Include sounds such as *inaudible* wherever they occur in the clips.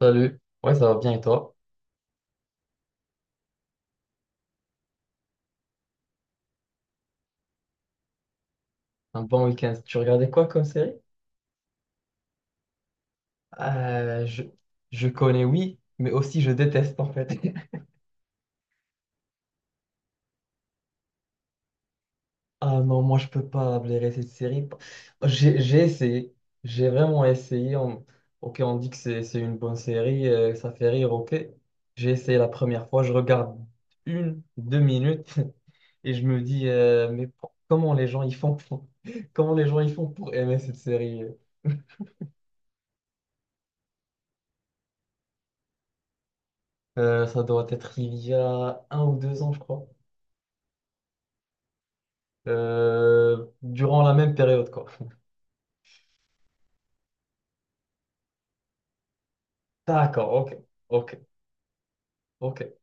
Salut, ouais, ça va bien et toi? Un bon week-end. Tu regardais quoi comme série? Euh, je, je connais, oui, mais aussi je déteste en fait. *laughs* Ah non, moi je peux pas blairer cette série. J'ai essayé, j'ai vraiment essayé. Ok, on dit que c'est une bonne série, ça fait rire, ok. J'ai essayé la première fois, je regarde une, deux minutes *laughs* et je me dis, mais comment les gens ils font *laughs* comment les gens ils font pour aimer cette série? Ça doit être il y a un ou deux ans, je crois. Durant la même période, quoi. D'accord, ok, ok, ok.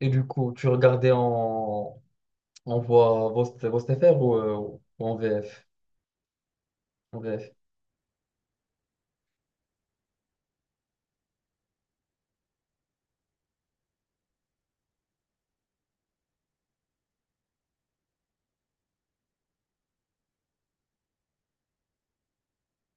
Et du coup, tu regardais en voix STFR ou en VF? En VF.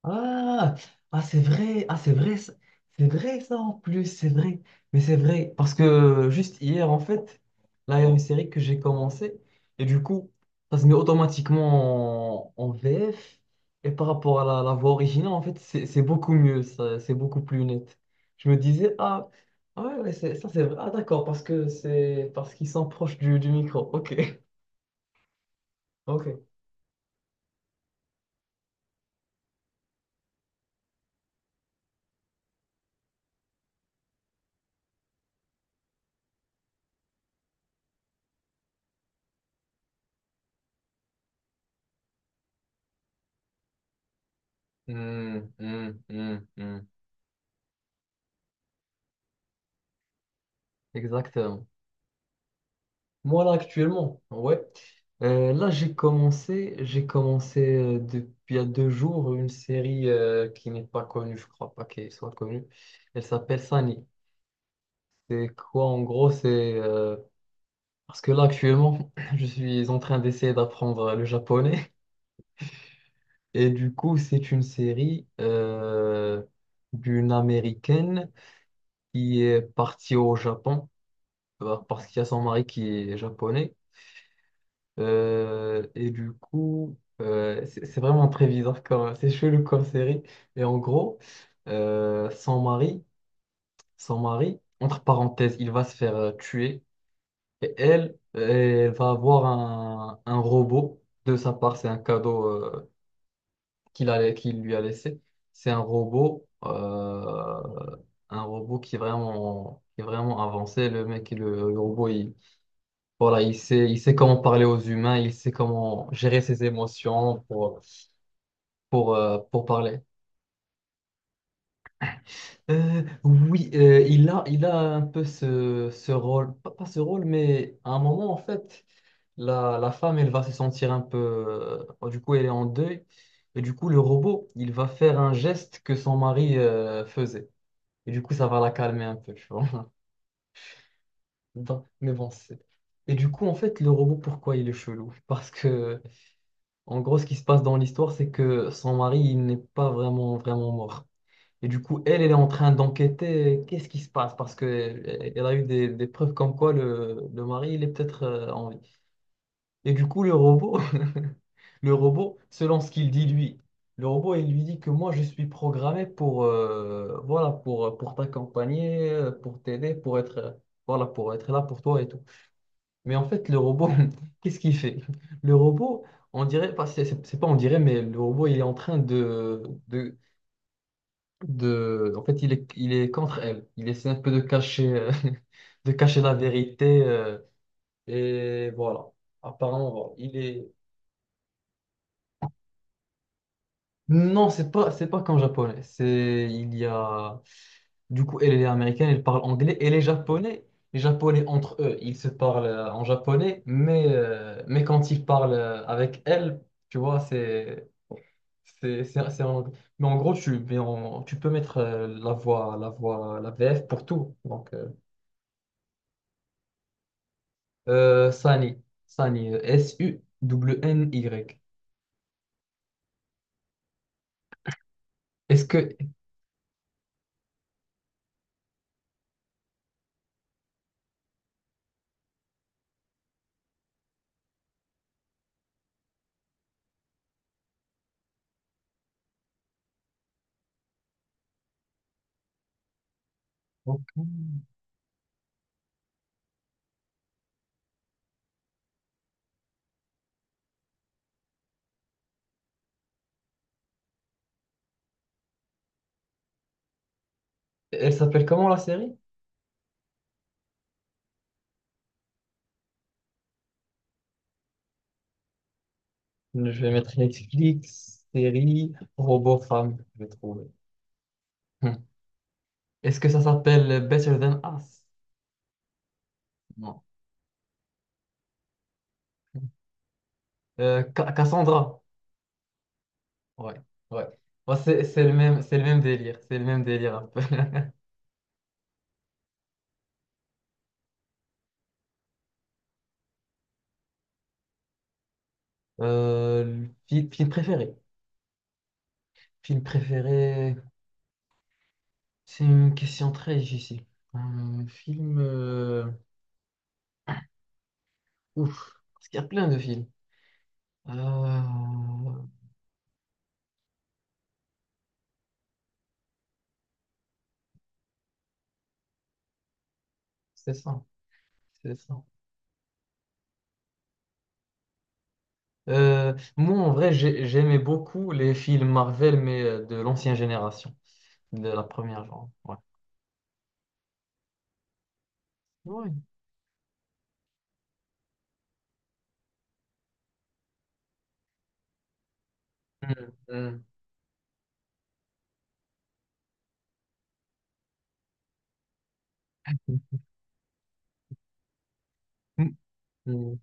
Ah, ah c'est vrai, c'est vrai ça en plus, c'est vrai. Mais c'est vrai, parce que juste hier, en fait, là, il y a une série que j'ai commencé, et du coup, ça se met automatiquement en VF, et par rapport à la voix originale, en fait, c'est beaucoup mieux, ça, c'est beaucoup plus net. Je me disais, ah, ah ouais, ouais, ça c'est vrai, ah d'accord, parce que c'est parce qu'ils sont proches du micro, ok, *laughs* ok. Hmm, hmm, hmm, hmm. Exactement. Moi, là, actuellement, ouais. Là, j'ai commencé depuis il y a deux jours une série qui n'est pas connue, je crois pas qu'elle soit connue. Elle s'appelle Sunny. C'est quoi, en gros, euh, parce que là, actuellement, *clears throat* je suis en train d'essayer d'apprendre le japonais. Et du coup, c'est une série d'une Américaine qui est partie au Japon, parce qu'il y a son mari qui est japonais. Et du coup, c'est vraiment très bizarre comme, c'est chelou comme série. Et en gros, euh, son mari, son mari, entre parenthèses, il va se faire, tuer. Et elle, elle va avoir un robot. De sa part, c'est un cadeau, qu'il lui a laissé. C'est un robot, un robot qui est vraiment avancé. Le robot, voilà, il sait comment parler aux humains, il sait comment gérer ses émotions pour parler. Oui, il a un peu ce rôle, pas ce rôle, mais à un moment, en fait, la femme, elle va se sentir un peu, du coup, elle est en deuil. Et du coup, le robot, il va faire un geste que son mari, faisait. Et du coup, ça va la calmer un peu, tu vois. *laughs* Mais bon. Et du coup, en fait, le robot, pourquoi il est chelou? En gros, ce qui se passe dans l'histoire, c'est que son mari, il n'est pas vraiment, vraiment mort. Et du coup, elle, elle est en train d'enquêter, qu'est-ce qui se passe parce qu'elle elle a eu des preuves comme quoi le mari, il est peut-être, en vie. Et du coup, le robot, *laughs* le robot, selon ce qu'il dit lui, le robot, il lui dit que moi, je suis programmé voilà, pour t'accompagner, pour t'aider, voilà, pour être là pour toi et tout. Mais en fait, le robot, *laughs* qu'est-ce qu'il fait? Le robot, on dirait, enfin, c'est pas on dirait, mais le robot, il est en train de, en fait, il est contre elle. Il essaie un peu de cacher, *laughs* de cacher la vérité. Et voilà. Apparemment, voilà. Non, c'est pas comme japonais. C'est, il y a, Du coup, elle elle est américaine, elle parle anglais. Et les japonais. Les japonais entre eux, ils se parlent, en japonais, mais quand ils parlent, avec elle, tu vois, c'est en anglais. Mais en gros, tu peux mettre la VF pour tout. Sunny, Suwny. Est-ce que, Elle s'appelle comment la série? Je vais mettre Netflix, série, robot femme, je vais trouver. Hmm. Est-ce que ça s'appelle Better Than Us? Non. Cassandra. Ouais, ouais. Bah, c'est le même, c'est le même délire. C'est le même délire un peu. *laughs* Le film préféré. Film préféré. C'est une question très difficile. Un film. Ouf. Parce qu'il y a plein de films. Euh, C'est ça. C'est ça. Moi, en vrai, j'aimais beaucoup les films Marvel, mais de l'ancienne génération, de la première, genre. Ouais. Ouais. Mm, mm, mm.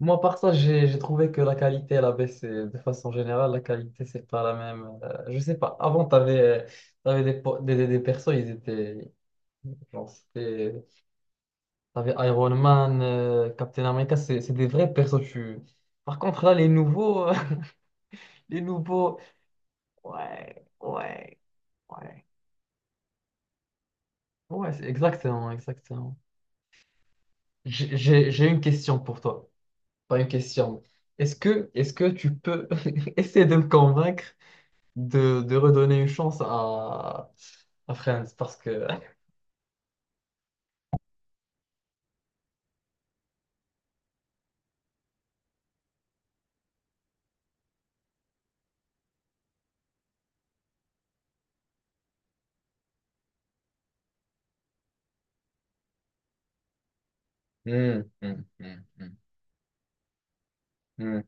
Moi, par ça, j'ai trouvé que la qualité, elle a baissé. De façon générale, la qualité, c'est pas la même. Je sais pas. Avant, t'avais des, po- des persos, ils étaient. Genre, c'était. T'avais Iron Man, Captain America, c'est des vrais persos. Par contre, là, les nouveaux. *laughs* Les nouveaux. Ouais, ouais. Ouais. Ouais, c'est exactement, exactement. J'ai une question pour toi. Pas une question. Est-ce que tu peux *laughs* essayer de me convaincre de redonner une chance à Friends? Parce que. Hmm, hmm, hmm, hmm, hmm.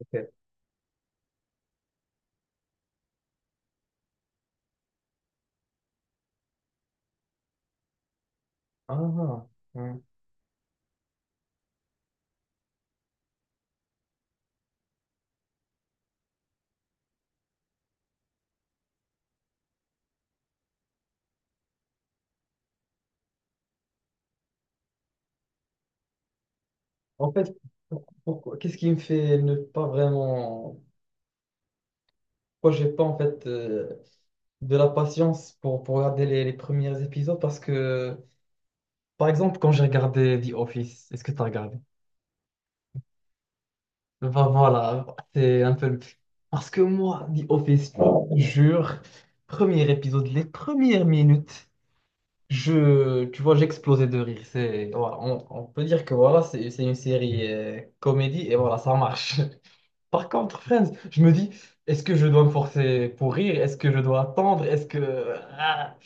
Ok. Ah, hmm. En fait, pourquoi, qu'est-ce qui me fait ne pas vraiment. Pourquoi j'ai pas en fait, de la patience pour regarder les premiers épisodes? Parce que, par exemple, quand j'ai regardé The Office, est-ce que tu as regardé? Bah voilà, c'est un peu. Parce que moi, The Office, je te jure, premier épisode, les premières minutes, tu vois, j'explosais de rire. Voilà, on peut dire que voilà, c'est une série, comédie et voilà, ça marche. *laughs* Par contre, Friends, je me dis, est-ce que je dois me forcer pour rire? Est-ce que je dois attendre? Ah,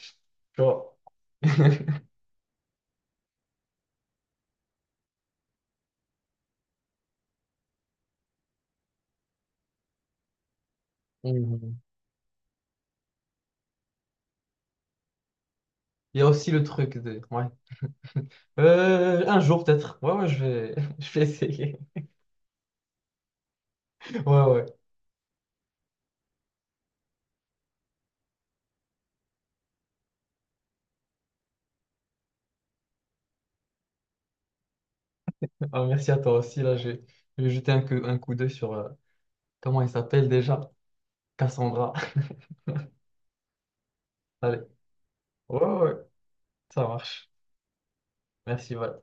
tu vois. *laughs* Mhm. Il y a aussi le truc de. Ouais. *laughs* Un jour peut-être. Ouais, ouais, *laughs* je vais essayer. Ouais, ouais. Ah, merci à toi aussi. Là, je vais jeter un coup d'œil sur, comment il s'appelle déjà? Cassandra. *laughs* Allez. Ouais, ouais, ouais, ça marche. Merci, voilà.